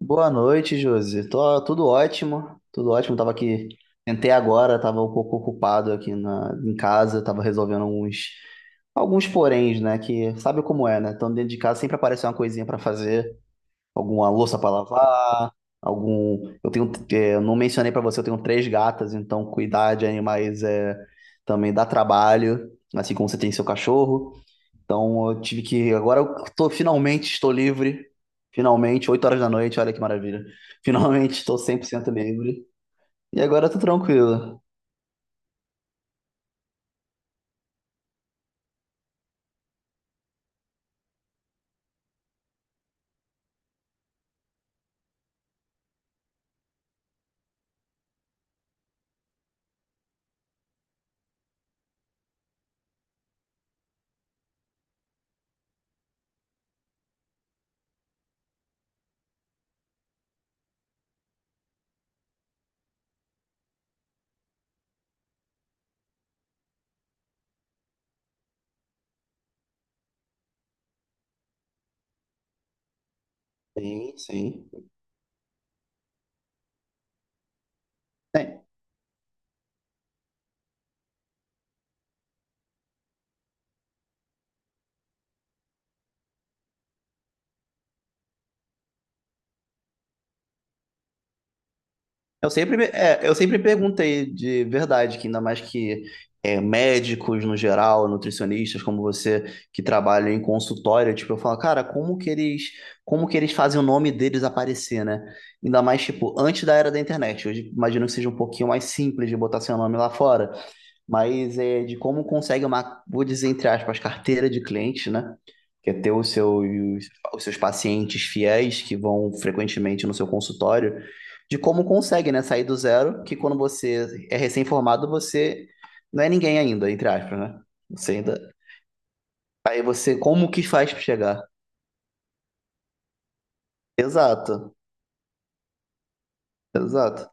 Boa noite, Josi. Tô, tudo ótimo, tudo ótimo. Tava aqui, tentei agora, tava um pouco ocupado aqui em casa, tava resolvendo alguns poréns, né? Que sabe como é, né? Então, dentro de casa sempre aparece uma coisinha pra fazer, alguma louça pra lavar, algum. Eu não mencionei pra você, eu tenho três gatas, então cuidar de animais também dá trabalho, assim como você tem seu cachorro. Então eu tive que. Agora finalmente estou livre. Finalmente, 8 horas da noite, olha que maravilha. Finalmente estou 100% livre. E agora eu tô tranquilo. Sim, sim. É, eu sempre perguntei de verdade, que ainda mais que médicos no geral, nutricionistas como você, que trabalham em consultório, tipo, eu falo, cara, como que eles fazem o nome deles aparecer, né? Ainda mais, tipo, antes da era da internet. Hoje imagino que seja um pouquinho mais simples de botar seu nome lá fora. Mas é de como consegue uma, vou dizer entre aspas, carteira de cliente, né? Que é ter seus, os seus pacientes fiéis que vão frequentemente no seu consultório, de como consegue, né? Sair do zero, que quando você é recém-formado, você não é ninguém ainda, entre aspas, né? Você ainda. Aí você, como que faz para chegar? Exato, exato.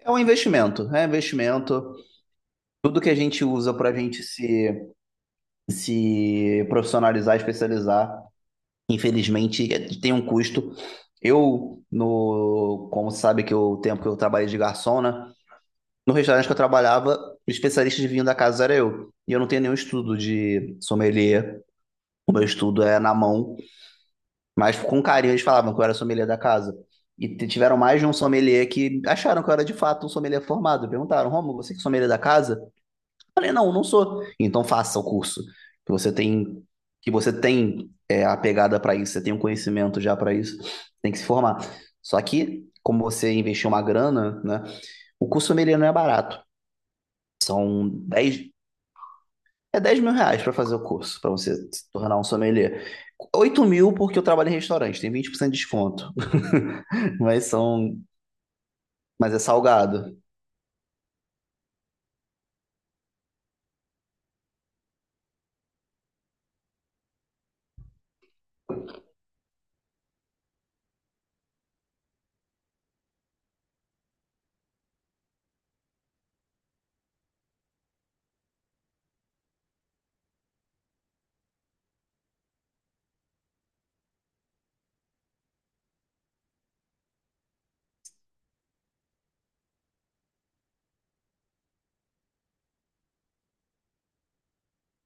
É um investimento, é um investimento. Tudo que a gente usa para a gente se profissionalizar, especializar, infelizmente, tem um custo. Eu, no, como sabe que o tempo que eu trabalhei de garçom, né? No restaurante que eu trabalhava, o especialista de vinho da casa era eu. E eu não tenho nenhum estudo de sommelier. O meu estudo é na mão. Mas com carinho eles falavam que eu era sommelier da casa. E tiveram mais de um sommelier que acharam que eu era de fato um sommelier formado. Perguntaram, Romulo, você que é sommelier da casa? Falei, não, não sou. Então faça o curso. Que você tem, que você tem a pegada para isso, você tem um conhecimento já para isso, tem que se formar. Só que, como você investiu uma grana, né? O curso sommelier não é barato. São 10, 10 mil reais para fazer o curso, para você se tornar um sommelier. 8 mil porque eu trabalho em restaurante, tem 20% de desconto. mas são, mas é salgado.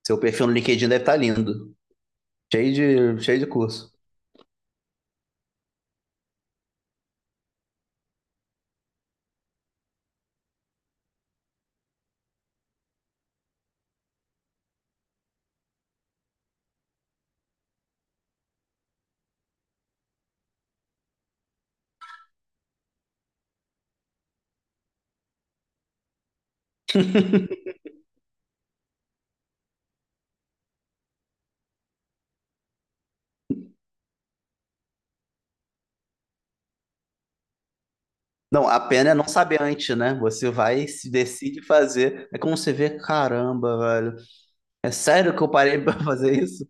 Seu perfil no LinkedIn deve estar lindo. Cheio de curso. Não, a pena é não saber antes, né? Você vai, se decide fazer. É como você vê, caramba, velho. É sério que eu parei pra fazer isso?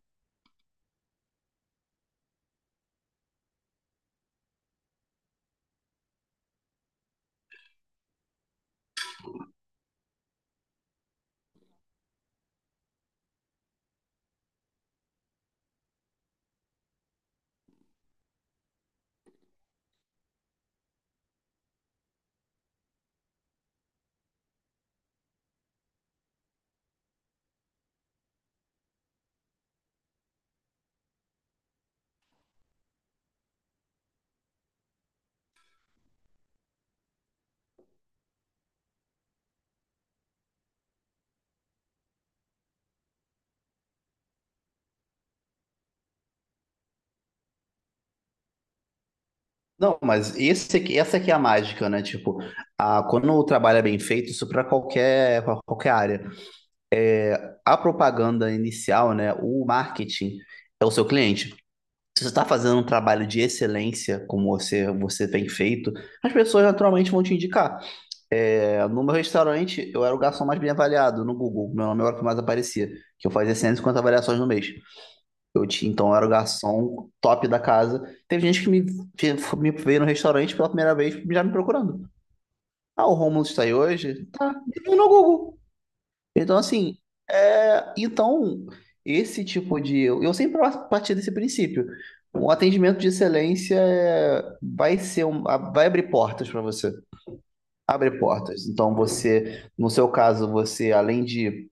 Não, mas esse aqui, essa aqui é a mágica, né? Tipo, quando o trabalho é bem feito, isso para pra qualquer área. A propaganda inicial, né? O marketing é o seu cliente. Se você está fazendo um trabalho de excelência, como você, você tem feito, as pessoas naturalmente vão te indicar. É, no meu restaurante, eu era o garçom mais bem avaliado no Google. Meu nome era o que mais aparecia, que eu fazia 150 avaliações no mês. Eu era o garçom top da casa. Teve gente que me veio no restaurante pela primeira vez já me procurando. Ah, o Rômulo está aí hoje? Tá, ele veio no Google. Então, assim, é, então, esse tipo de. Eu sempre parti desse princípio. Um atendimento de excelência vai abrir portas para você, abre portas. Então você, no seu caso, você além de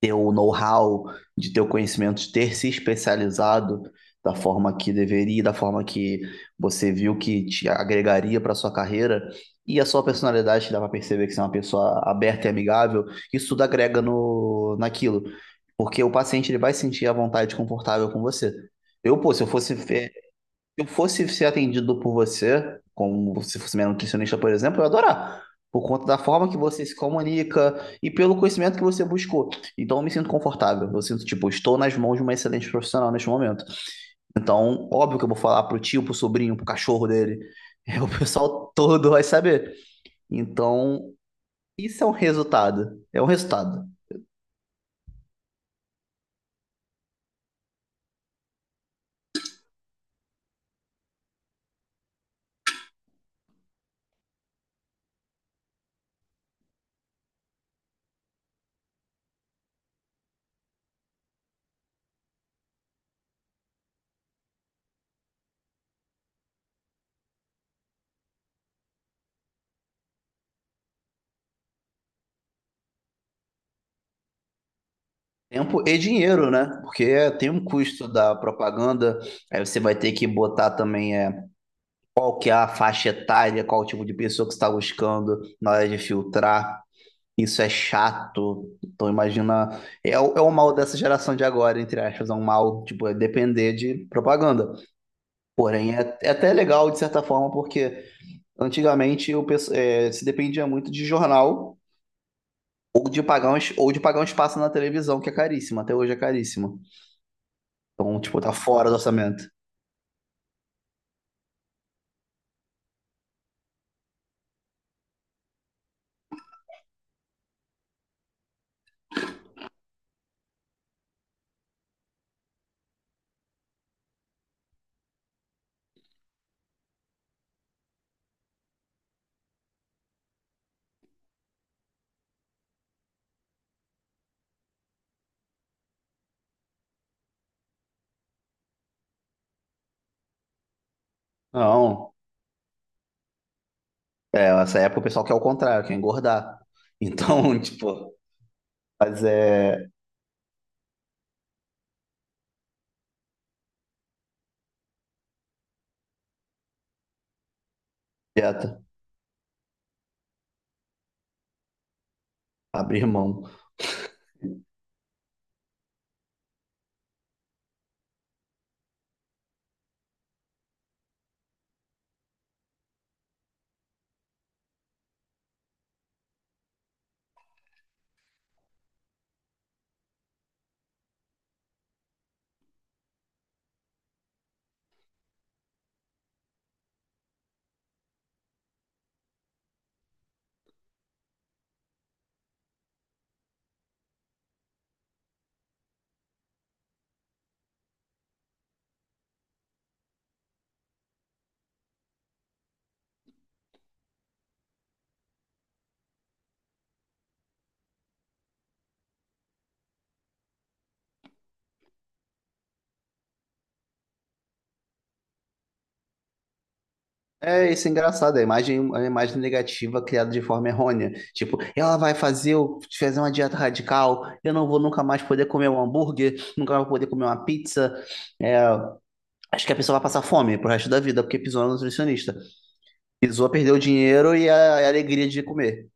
ter o know-how, de ter o conhecimento, de ter se especializado da forma que deveria, da forma que você viu que te agregaria para sua carreira e a sua personalidade te dá para perceber que você é uma pessoa aberta e amigável, isso tudo agrega no naquilo, porque o paciente ele vai sentir a vontade confortável com você. Eu, pô, se eu fosse ser atendido por você, como se fosse minha nutricionista, por exemplo, eu ia adorar. Por conta da forma que você se comunica e pelo conhecimento que você buscou. Então eu me sinto confortável. Eu sinto, tipo, estou nas mãos de uma excelente profissional neste momento. Então, óbvio que eu vou falar pro tio, pro sobrinho, pro cachorro dele. O pessoal todo vai saber. Então, isso é um resultado. É um resultado. Tempo e dinheiro, né? Porque tem um custo da propaganda. Aí você vai ter que botar também qual que é a faixa etária, qual o tipo de pessoa que você está buscando na hora de filtrar. Isso é chato. Então imagina, é o mal dessa geração de agora, entre aspas, é um mal, tipo, é depender de propaganda. Porém, é até legal de certa forma, porque antigamente se dependia muito de jornal, ou de pagar um espaço na televisão, que é caríssimo, até hoje é caríssimo. Então, tipo, tá fora do orçamento. Não, essa época o pessoal quer o contrário, quer engordar. Então, tipo, mas dieta, abrir mão. É, isso é engraçado, é a imagem negativa criada de forma errônea. Tipo, ela vai fazer, fazer uma dieta radical, eu não vou nunca mais poder comer um hambúrguer, nunca mais vou poder comer uma pizza. É, acho que a pessoa vai passar fome pro resto da vida, porque pisou no nutricionista. Pisou, perdeu o dinheiro e a alegria de comer.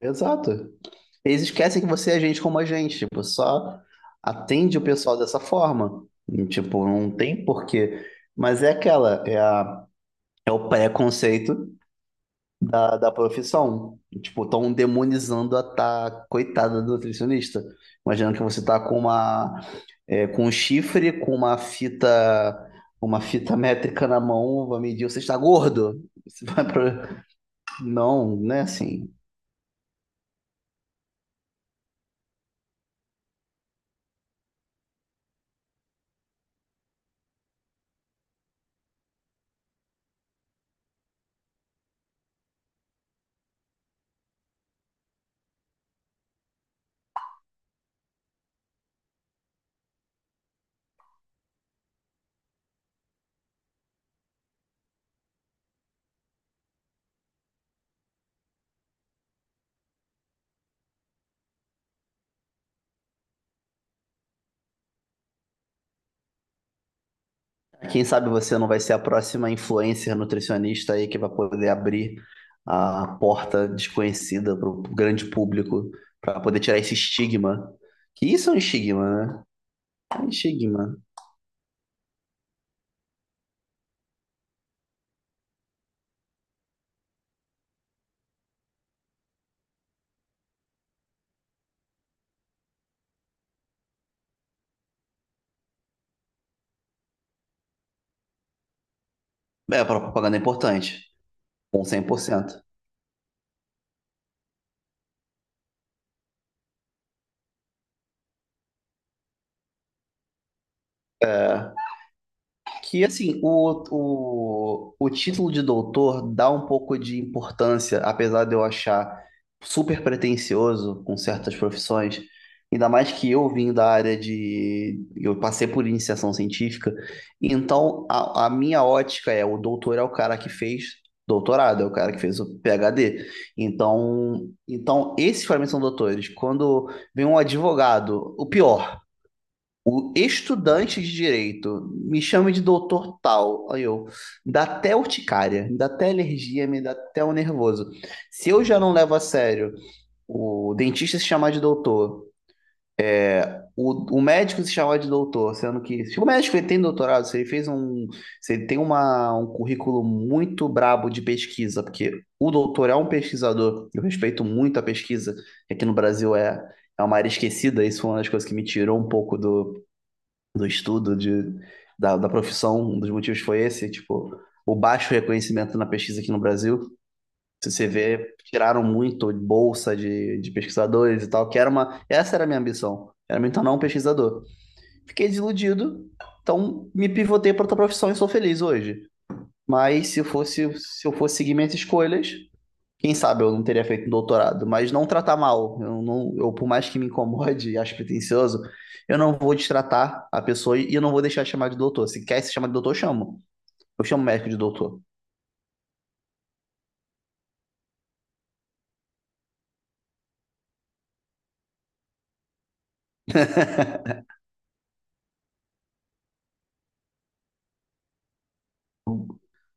Exato. Eles esquecem que você é gente como a gente, tipo, só atende o pessoal dessa forma. E tipo, não tem porquê. Mas é aquela, é a É o preconceito da profissão. Tipo, estão demonizando a tá, coitada do nutricionista. Imagina que você tá com um chifre, com uma fita métrica na mão, vai medir, você está gordo. Você vai pro. Não, né? É assim. Quem sabe você não vai ser a próxima influencer nutricionista aí que vai poder abrir a porta desconhecida para o grande público para poder tirar esse estigma. Que isso é um estigma, né? É um estigma. É, a propaganda é importante. Com 100%. É. Que, assim, o título de doutor dá um pouco de importância, apesar de eu achar super pretensioso com certas profissões. Ainda mais que eu vim da área de. Eu passei por iniciação científica. Então, a minha ótica é: o doutor é o cara que fez doutorado, é o cara que fez o PhD. Então esses para mim são doutores. Quando vem um advogado, o estudante de direito me chama de doutor tal. Me dá até urticária, me dá até alergia, me dá até um nervoso. Se eu já não levo a sério o dentista se chamar de doutor, o médico se chamar de doutor, sendo que se o médico ele tem doutorado, se ele fez um, se ele tem um currículo muito brabo de pesquisa, porque o doutor é um pesquisador, eu respeito muito a pesquisa, que aqui no Brasil é uma área esquecida, isso foi uma das coisas que me tirou um pouco do do estudo de, da profissão, um dos motivos foi esse, tipo, o baixo reconhecimento na pesquisa aqui no Brasil. Se você vê, tiraram muito bolsa de pesquisadores e tal, que era uma. Essa era a minha ambição. Era me tornar um pesquisador. Fiquei desiludido, então me pivotei para outra profissão e sou feliz hoje. Mas se eu fosse seguir minhas escolhas, quem sabe eu não teria feito um doutorado, mas não tratar mal. Eu não, eu, por mais que me incomode e acho pretencioso, eu não vou destratar a pessoa e eu não vou deixar de chamar de doutor. Se quer se chamar de doutor, eu chamo. Eu chamo o médico de doutor.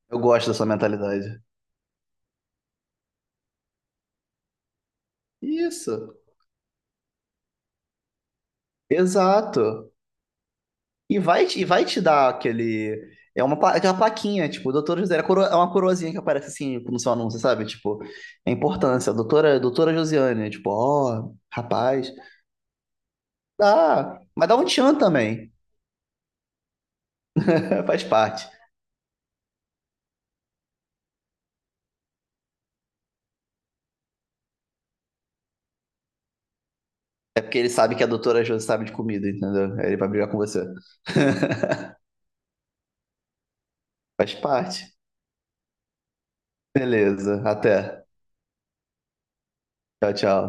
Eu gosto dessa mentalidade. Isso, exato. E e vai te dar aquele. Aquela plaquinha, tipo, doutora Josiane, é uma coroazinha que aparece assim no seu anúncio, sabe? Tipo, a importância, doutora Josiane, tipo, ó, rapaz. Dá, mas dá um tchan também. Faz parte. É porque ele sabe que a doutora Josi sabe de comida, entendeu? Aí ele vai brigar com você. Faz parte. Beleza, até. Tchau, tchau.